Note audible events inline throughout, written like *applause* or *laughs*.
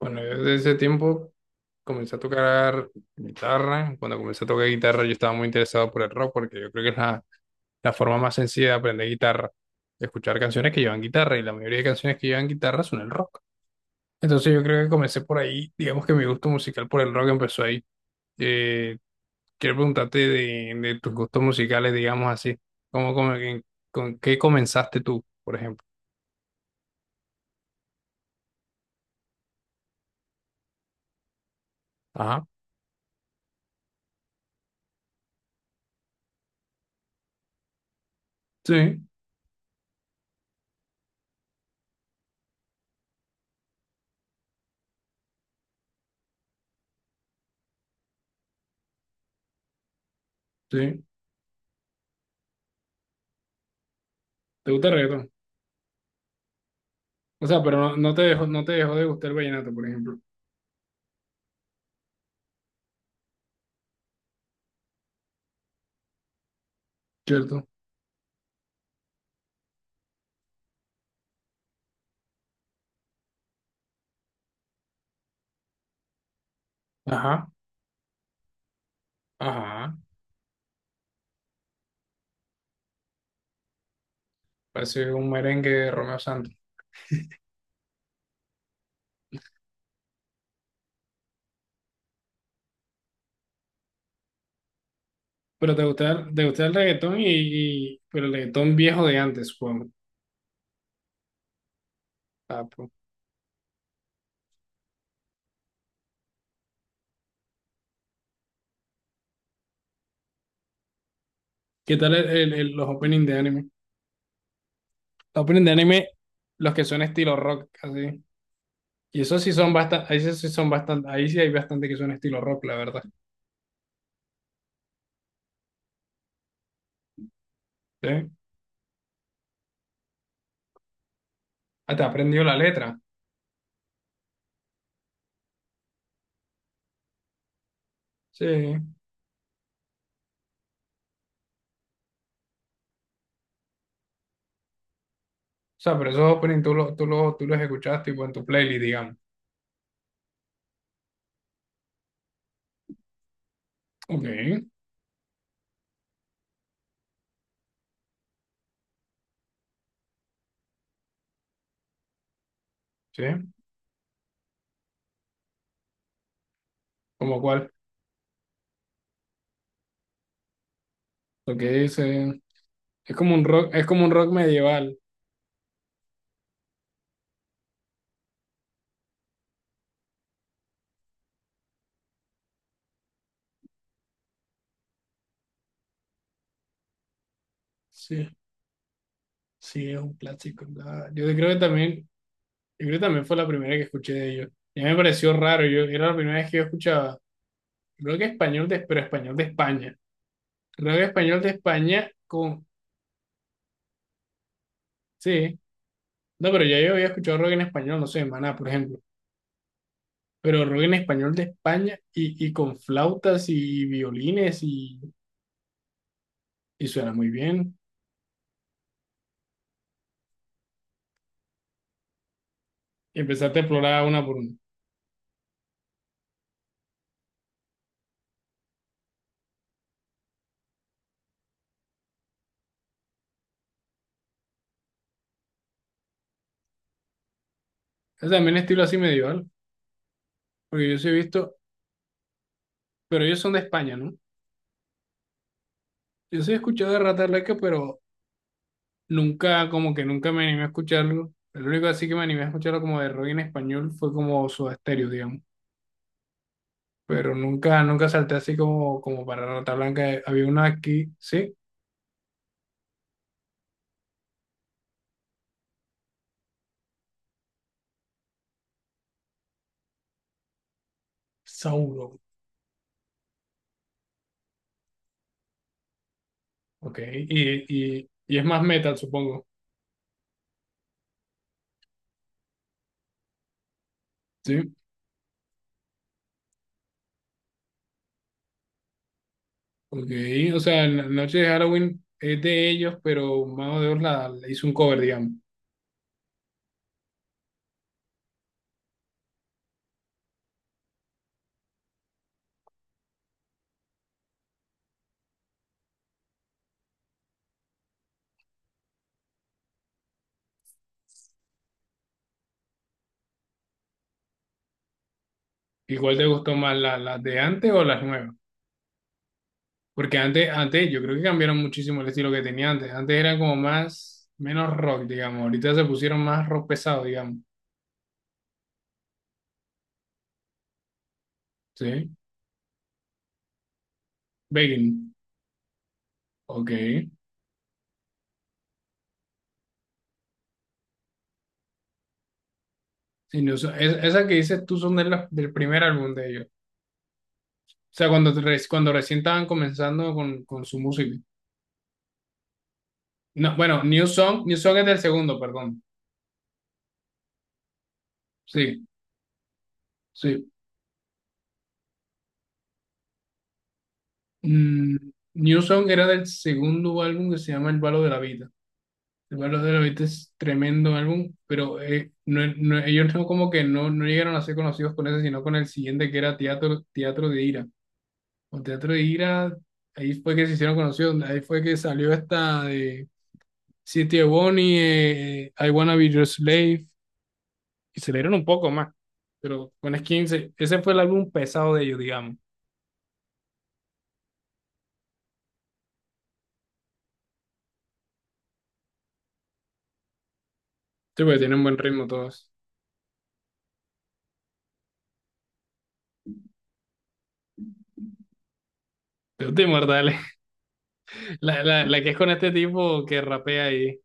Bueno, yo desde ese tiempo comencé a tocar guitarra. Cuando comencé a tocar guitarra, yo estaba muy interesado por el rock porque yo creo que es la forma más sencilla de aprender guitarra, de escuchar canciones que llevan guitarra y la mayoría de canciones que llevan guitarra son el rock. Entonces yo creo que comencé por ahí, digamos que mi gusto musical por el rock empezó ahí. Eh, Quiero preguntarte de tus gustos musicales, digamos así, ¿cómo, cómo- en- con qué comenzaste tú, por ejemplo? Ajá. Sí, sí. ¿Te gusta el reggaetón? O sea, pero no te dejó, no te dejó de gustar el vallenato, por ejemplo. ¿Cierto? Ajá, ajá. Parece un merengue de Romeo Santos. Pero te gusta, te gusta el reggaetón pero el reggaetón viejo de antes, supongo. Ah, pues. ¿Qué tal los openings de anime? Los openings de anime, los que son estilo rock, así. Y esos sí son bastante, ahí sí son bastante, ahí sí hay bastante que son estilo rock, la verdad. ¿Sí? Hasta aprendió la letra. Sí. O sea, pero esos openings tú los escuchaste tipo en tu playlist, digamos. Ok, sí. ¿Como cuál? Lo que dice, es como un rock, es como un rock medieval. Sí, sí, es un clásico. Yo creo que también, yo creo que también fue la primera que escuché de ellos. Ya me pareció raro, yo era la primera vez que yo escuchaba, creo que pero español de España. Creo que español de España con, sí, no, pero ya yo había escuchado rock en español, no sé, Maná, por ejemplo. Pero rock en español de España y con flautas y violines y suena muy bien. Y empezaste a explorar una por una. Es también estilo así medieval. Porque yo sí he visto, pero ellos son de España, ¿no? Yo sí he escuchado de Rata Blanca pero nunca, como que nunca me animé a escucharlo. El único así que me animé a escucharlo como de rock en español fue como su estéreo, digamos. Pero nunca salté así como, como para Rata Blanca. Había una aquí, ¿sí? Sauro, ok. Y es más metal, supongo, ¿sí? Ok, o sea, la noche de Halloween es de ellos, pero Mago de Dios la, la hizo un cover, digamos. ¿Y cuál te gustó más, las de antes o las nuevas? Porque antes yo creo que cambiaron muchísimo el estilo que tenía antes. Antes era como más, menos rock, digamos. Ahorita se pusieron más rock pesado, digamos. ¿Sí? Begging. Ok. Sí, no, esa que dices tú son de del primer álbum de ellos. O sea, cuando, cuando recién estaban comenzando con su música. No, bueno, New Song es del segundo, perdón. Sí, sí. Mm, New Song era del segundo álbum que se llama El Balo de la Vida. El Valor de los Beatles es tremendo álbum, pero ellos no como que no llegaron a ser conocidos con ese, sino con el siguiente que era Teatro de Ira. O Teatro de Ira, ahí fue que se hicieron conocidos, ahí fue que salió esta de City of Bonnie, I Wanna Be Your Slave, y se dieron un poco más, pero con Skins, ese fue el álbum pesado de ellos, digamos. Sí, porque tienen buen ritmo todos. Te muerta, dale. *laughs* La que es con este tipo que rapea ahí.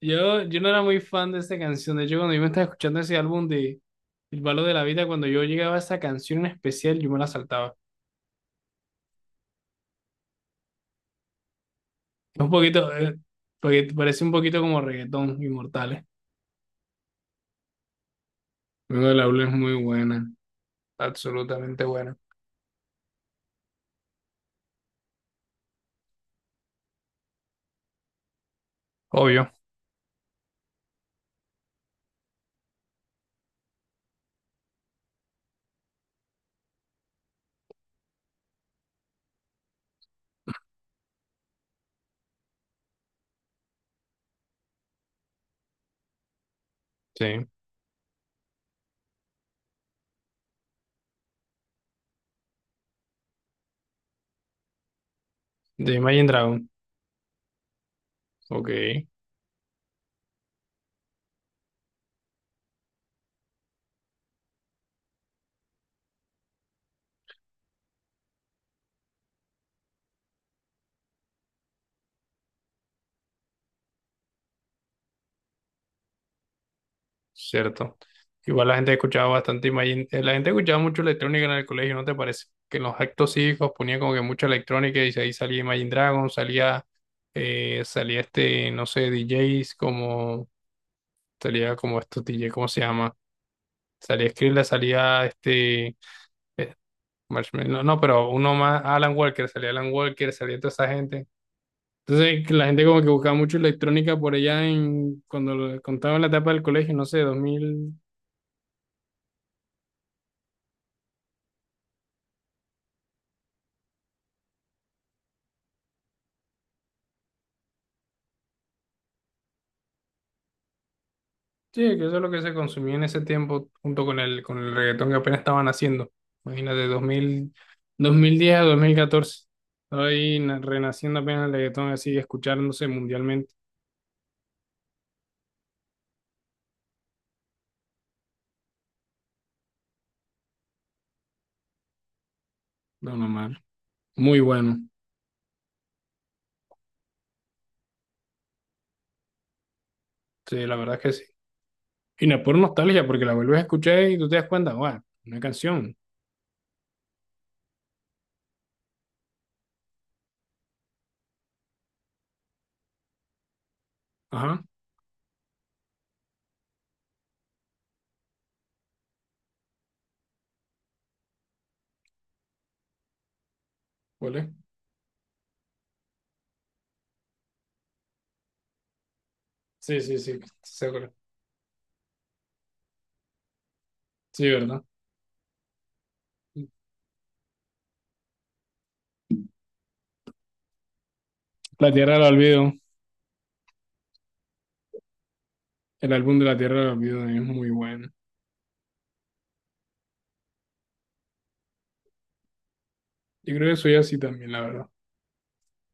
Yo no era muy fan de esta canción. De hecho, cuando yo me estaba escuchando ese álbum de El valor de la vida, cuando yo llegaba a esa canción en especial, yo me la saltaba. Es un poquito, porque parece un poquito como reggaetón, Inmortales. Luego del álbum es muy buena, absolutamente buena. Obvio. Sí. De Imagine Dragon. Ok. Cierto. Igual la gente escuchaba bastante, la gente escuchaba mucho electrónica en el colegio, ¿no te parece? Que en los actos cívicos ponía como que mucha electrónica y ahí salía Imagine Dragon, salía, salía este, no sé, DJs como, salía como estos DJ, ¿cómo se llama? Salía Skrillex, salía este, eh, Marshmello, no, no, pero uno más, Alan Walker, salía toda esa gente. Entonces que la gente como que buscaba mucho electrónica por allá en, cuando cuando estaba en la etapa del colegio, no sé, sí, que eso es lo que se consumía en ese tiempo junto con con el reggaetón que apenas estaban haciendo. Imagínate, 2000, 2010 a 2014. Ahí renaciendo apenas el reggaetón así, escuchándose mundialmente. No, no, mal. Muy bueno. Sí, la verdad es que sí. Y no es por nostalgia, porque la vuelves a escuchar y tú te das cuenta, guau, una canción. Ajá, ¿cuál es? Sí, sí, sí, seguro. Sí, ¿verdad? La Tierra del Olvido, el álbum de La Tierra del Olvido es muy bueno. Yo creo que soy así también, la verdad.